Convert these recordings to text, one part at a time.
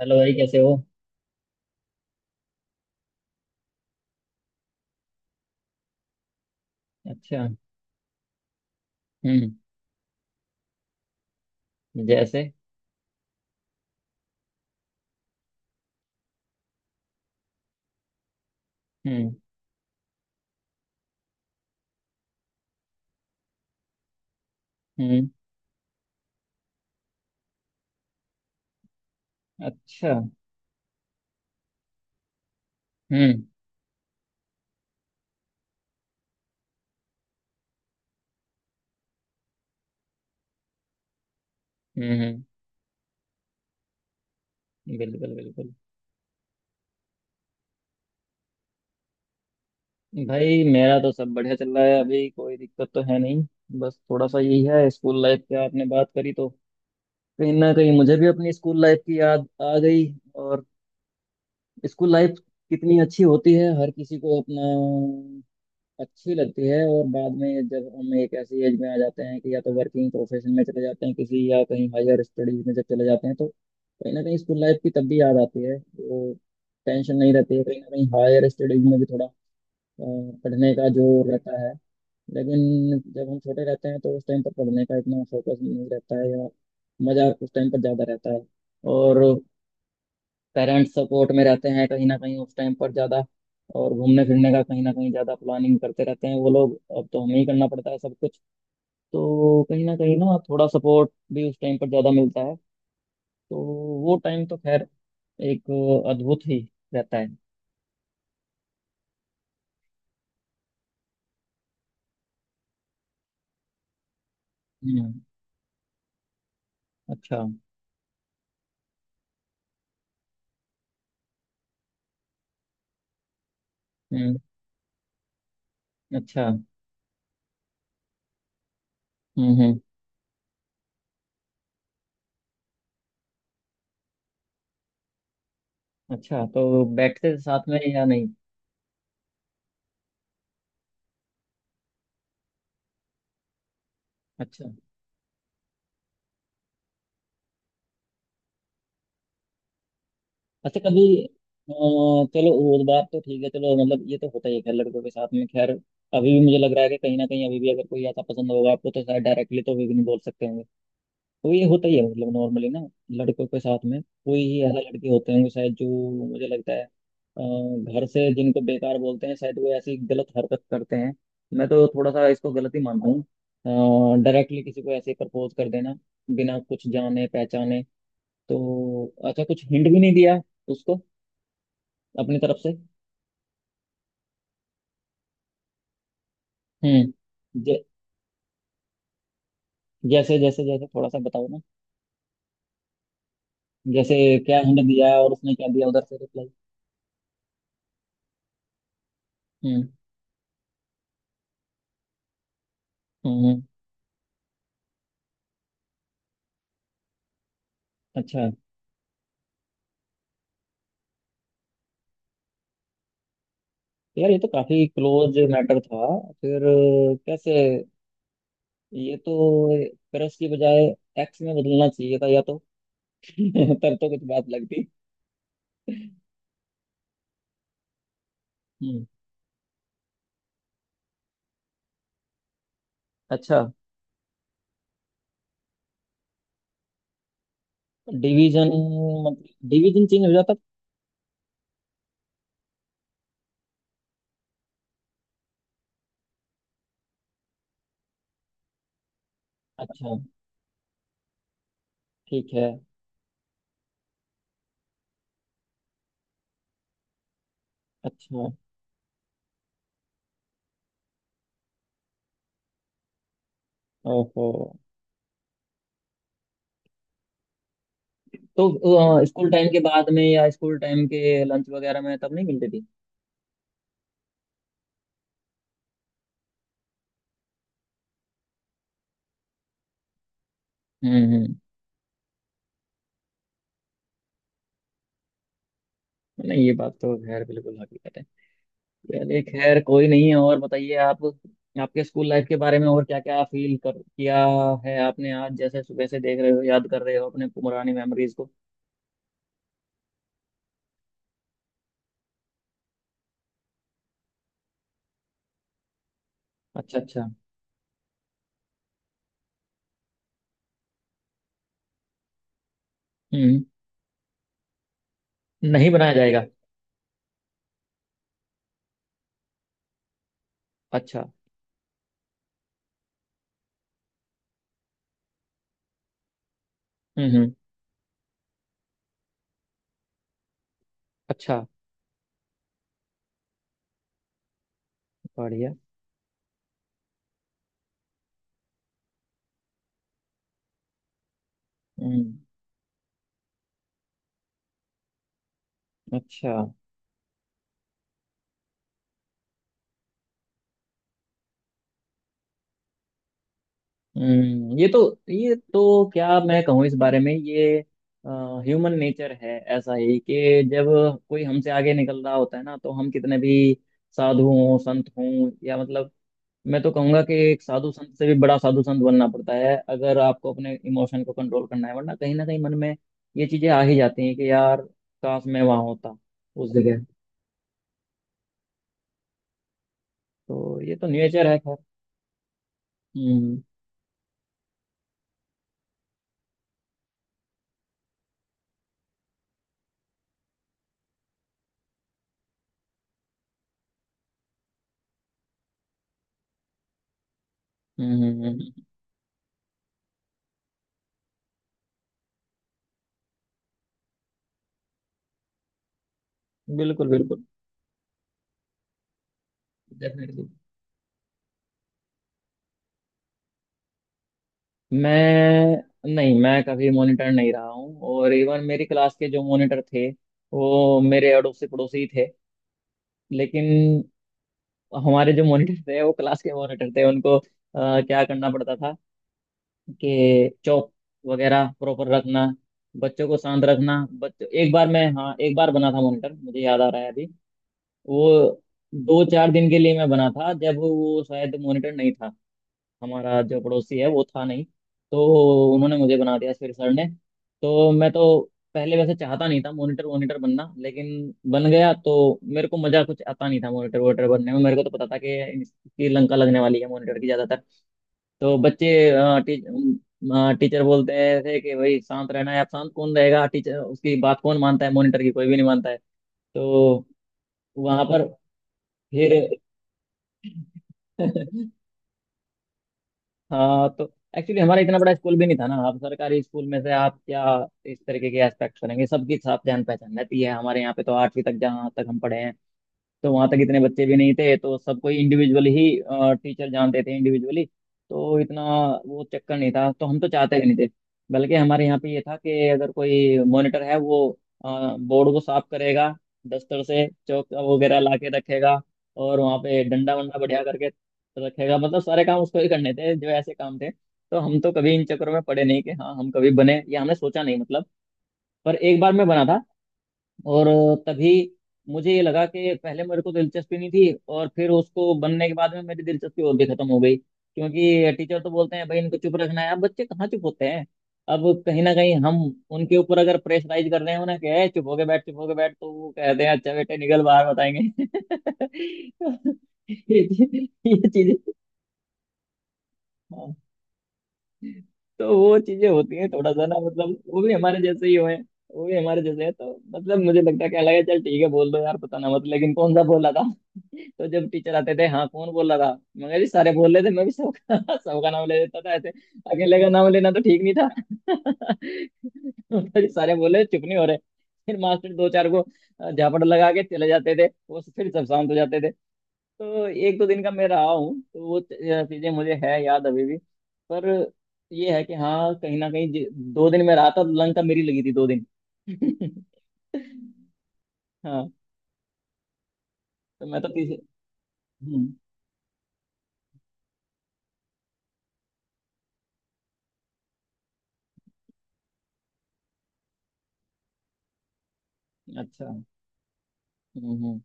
Hello भाई, कैसे हो? अच्छा। हम्म। जैसे? हम्म हम्म। अच्छा। हम्म हम्म हम्म, बिल्कुल बिल्कुल। भाई मेरा तो सब बढ़िया चल रहा है, अभी कोई दिक्कत तो है नहीं। बस थोड़ा सा यही है, स्कूल लाइफ पे आपने बात करी तो कहीं ना कहीं मुझे भी अपनी स्कूल लाइफ की याद आ गई। और स्कूल लाइफ कितनी अच्छी होती है, हर किसी को अपना अच्छी लगती है। और बाद में जब हम एक ऐसी एज में आ जाते हैं कि या तो वर्किंग प्रोफेशन में चले जाते हैं किसी, या कहीं हायर स्टडीज में जब चले जाते हैं, तो कहीं ना कहीं स्कूल लाइफ की तब भी याद आती है। वो टेंशन नहीं रहती है, कहीं ना कहीं हायर स्टडीज में भी थोड़ा अ, पढ़ने का जोर रहता है। लेकिन जब हम छोटे रहते हैं तो उस टाइम पर पढ़ने का इतना फोकस नहीं रहता है, या मजा उस टाइम पर ज्यादा रहता है। और पेरेंट्स सपोर्ट में रहते हैं कहीं ना कहीं उस टाइम पर ज़्यादा, और घूमने फिरने का कहीं ना कहीं ज़्यादा प्लानिंग करते रहते हैं वो लोग, अब तो हमें ही करना पड़ता है सब कुछ। तो कहीं ना थोड़ा सपोर्ट भी उस टाइम पर ज़्यादा मिलता है। तो वो टाइम तो खैर एक अद्भुत ही रहता है। हम्म। अच्छा। हम्म। अच्छा। हम्म। अच्छा, तो बैठते थे साथ में या नहीं? अच्छा। अच्छा, कभी अ, चलो वो बात तो ठीक है। चलो, मतलब ये तो होता ही है खैर लड़कों के साथ में। खैर, अभी भी मुझे लग रहा है कि कहीं ना कहीं अभी भी अगर कोई ऐसा पसंद होगा आपको तो शायद डायरेक्टली तो अभी भी नहीं बोल सकते होंगे। तो ये होता ही है, मतलब नॉर्मली ना, लड़कों के साथ में। कोई ही ऐसा लड़के होते होंगे शायद जो मुझे लगता है घर से जिनको बेकार बोलते हैं, शायद वो ऐसी गलत हरकत करते हैं। मैं तो थोड़ा सा इसको गलत ही मानता हूँ, डायरेक्टली किसी को ऐसे प्रपोज कर देना बिना कुछ जाने पहचाने। तो अच्छा, कुछ हिंट भी नहीं दिया उसको अपनी तरफ से? हम्म। जैसे जैसे जैसे थोड़ा सा बताओ ना। जैसे क्या हिंट दिया और उसने क्या दिया उधर से रिप्लाई? हम्म हम्म। अच्छा, तो यार ये तो काफी क्लोज मैटर था। फिर कैसे? ये तो क्रश की बजाय एक्स में बदलना चाहिए था या तो। तब तो कुछ बात लगती। हम्म। अच्छा। डिवीजन? मतलब डिवीजन चेंज हो जाता? अच्छा। ठीक है। अच्छा। ओहो, तो स्कूल टाइम के बाद में या स्कूल टाइम के लंच वगैरह में तब नहीं मिलती थी? हम्म हम्म। नहीं, ये बात तो खैर बिल्कुल हकीकत है। चलिए, खैर कोई नहीं है। और बताइए आप, आपके स्कूल लाइफ के बारे में और क्या क्या फील कर किया है आपने, आज जैसे सुबह से देख रहे हो याद कर रहे हो अपने पुरानी मेमोरीज को। अच्छा अच्छा। हम्म। नहीं बनाया जाएगा? अच्छा। हम्म। अच्छा। बढ़िया। हम्म। अच्छा। हम्म, ये तो क्या मैं कहूँ इस बारे में, ये ह्यूमन नेचर है ऐसा ही कि जब कोई हमसे आगे निकल रहा होता है ना तो हम कितने भी साधु हों संत हों, या मतलब मैं तो कहूँगा कि एक साधु संत से भी बड़ा साधु संत बनना पड़ता है अगर आपको अपने इमोशन को कंट्रोल करना है, वरना कहीं ना कहीं मन में ये चीजें आ ही जाती हैं कि यार काश मैं वहां होता उस जगह। तो ये तो नेचर है खैर। हम्म हम्म हम्म, हम्म, हम्म, बिल्कुल बिल्कुल। डेफिनेटली। मैं नहीं, मैं कभी मॉनिटर नहीं रहा हूँ, और इवन मेरी क्लास के जो मॉनिटर थे वो मेरे अड़ोसी पड़ोसी ही थे। लेकिन हमारे जो मॉनिटर थे, वो क्लास के मॉनिटर थे, उनको क्या करना पड़ता था कि चौक वगैरह प्रॉपर रखना, बच्चों को शांत रखना। बच्चों, एक बार मैं, हाँ एक बार बना था मॉनिटर मुझे याद आ रहा है अभी वो, दो चार दिन के लिए मैं बना था जब वो शायद मॉनिटर नहीं था, हमारा जो पड़ोसी है वो था नहीं। तो उन्होंने मुझे बना दिया फिर सर ने। तो मैं तो पहले वैसे चाहता नहीं था मॉनिटर वॉनिटर बनना, लेकिन बन गया तो मेरे को मजा कुछ आता नहीं था मॉनिटर वॉनिटर बनने में। मेरे को तो पता था कि इसकी लंका लगने वाली है मॉनिटर की ज्यादातर। तो बच्चे, टीचर बोलते थे कि भाई शांत रहना है आप। शांत कौन रहेगा टीचर, उसकी बात कौन मानता है? मॉनिटर की कोई भी नहीं मानता है। तो वहां पर फिर हाँ। तो एक्चुअली हमारा इतना बड़ा स्कूल भी नहीं था ना, आप सरकारी स्कूल में से आप क्या इस तरीके के एस्पेक्ट करेंगे? सबकी आप जान पहचान रहती है हमारे यहाँ पे, तो आठवीं तक जहाँ तक हम पढ़े हैं तो वहां तक इतने बच्चे भी नहीं थे, तो सबको इंडिविजुअल ही टीचर जानते थे, इंडिविजुअली। तो इतना वो चक्कर नहीं था, तो हम तो चाहते भी नहीं थे। बल्कि हमारे यहाँ पे ये था कि अगर कोई मॉनिटर है वो बोर्ड को साफ करेगा, दस्तर से चौक वगैरह ला के रखेगा, और वहाँ पे डंडा वंडा बढ़िया करके रखेगा। मतलब सारे काम उसको ही करने थे जो ऐसे काम थे, तो हम तो कभी इन चक्करों में पड़े नहीं कि हाँ हम कभी बने या हमने सोचा, नहीं। मतलब पर एक बार मैं बना था, और तभी मुझे ये लगा कि पहले मेरे को दिलचस्पी नहीं थी, और फिर उसको बनने के बाद में मेरी दिलचस्पी और भी खत्म हो गई, क्योंकि टीचर तो बोलते हैं भाई इनको चुप रखना है। अब बच्चे कहाँ चुप होते हैं? अब कहीं ना कहीं हम उनके ऊपर अगर प्रेशराइज कर रहे हैं, उन्हें कहे चुप होके बैठ चुप होके बैठ, तो वो कहते हैं अच्छा बेटे निकल बाहर बताएंगे। ये चीज ये चीज, तो वो चीजें होती हैं थोड़ा सा ना, मतलब वो भी हमारे जैसे ही हुए हैं, वो भी हमारे जैसे हैं, तो मतलब मुझे लगता है क्या लगा, चल ठीक है बोल दो यार पता ना मत, लेकिन कौन सा बोला था? तो जब टीचर आते थे, हाँ कौन बोला था? मगर जी सारे बोल रहे थे, मैं भी सबका सबका नाम ले लेता था ऐसे, अकेले का नाम लेना तो ठीक नहीं था। तो जी सारे बोले चुप नहीं हो रहे। फिर मास्टर दो चार को झापड़ लगा के चले जाते थे वो, फिर सब शांत हो जाते थे। तो एक दो दिन का मैं रहा हूँ, तो वो चीज़ें मुझे है याद अभी भी। पर ये है कि हाँ कहीं ना कहीं दो दिन में रहा था लंका मेरी लगी थी दो दिन। हाँ, तो मैं तो तीसरे, हम्म। अच्छा। हम्म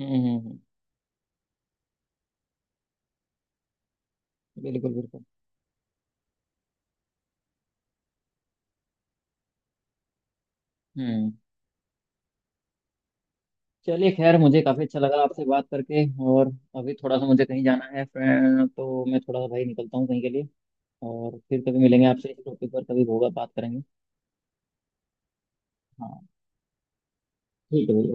हम्म हम्म, हम्म, बिल्कुल बिल्कुल। हम्म। चलिए, खैर मुझे काफ़ी अच्छा लगा आपसे बात करके। और अभी थोड़ा सा मुझे कहीं जाना है फ्रेंड, तो मैं थोड़ा सा भाई निकलता हूँ कहीं के लिए। और फिर कभी मिलेंगे आपसे, इस टॉपिक पर कभी होगा बात करेंगे। हाँ, ठीक है भैया।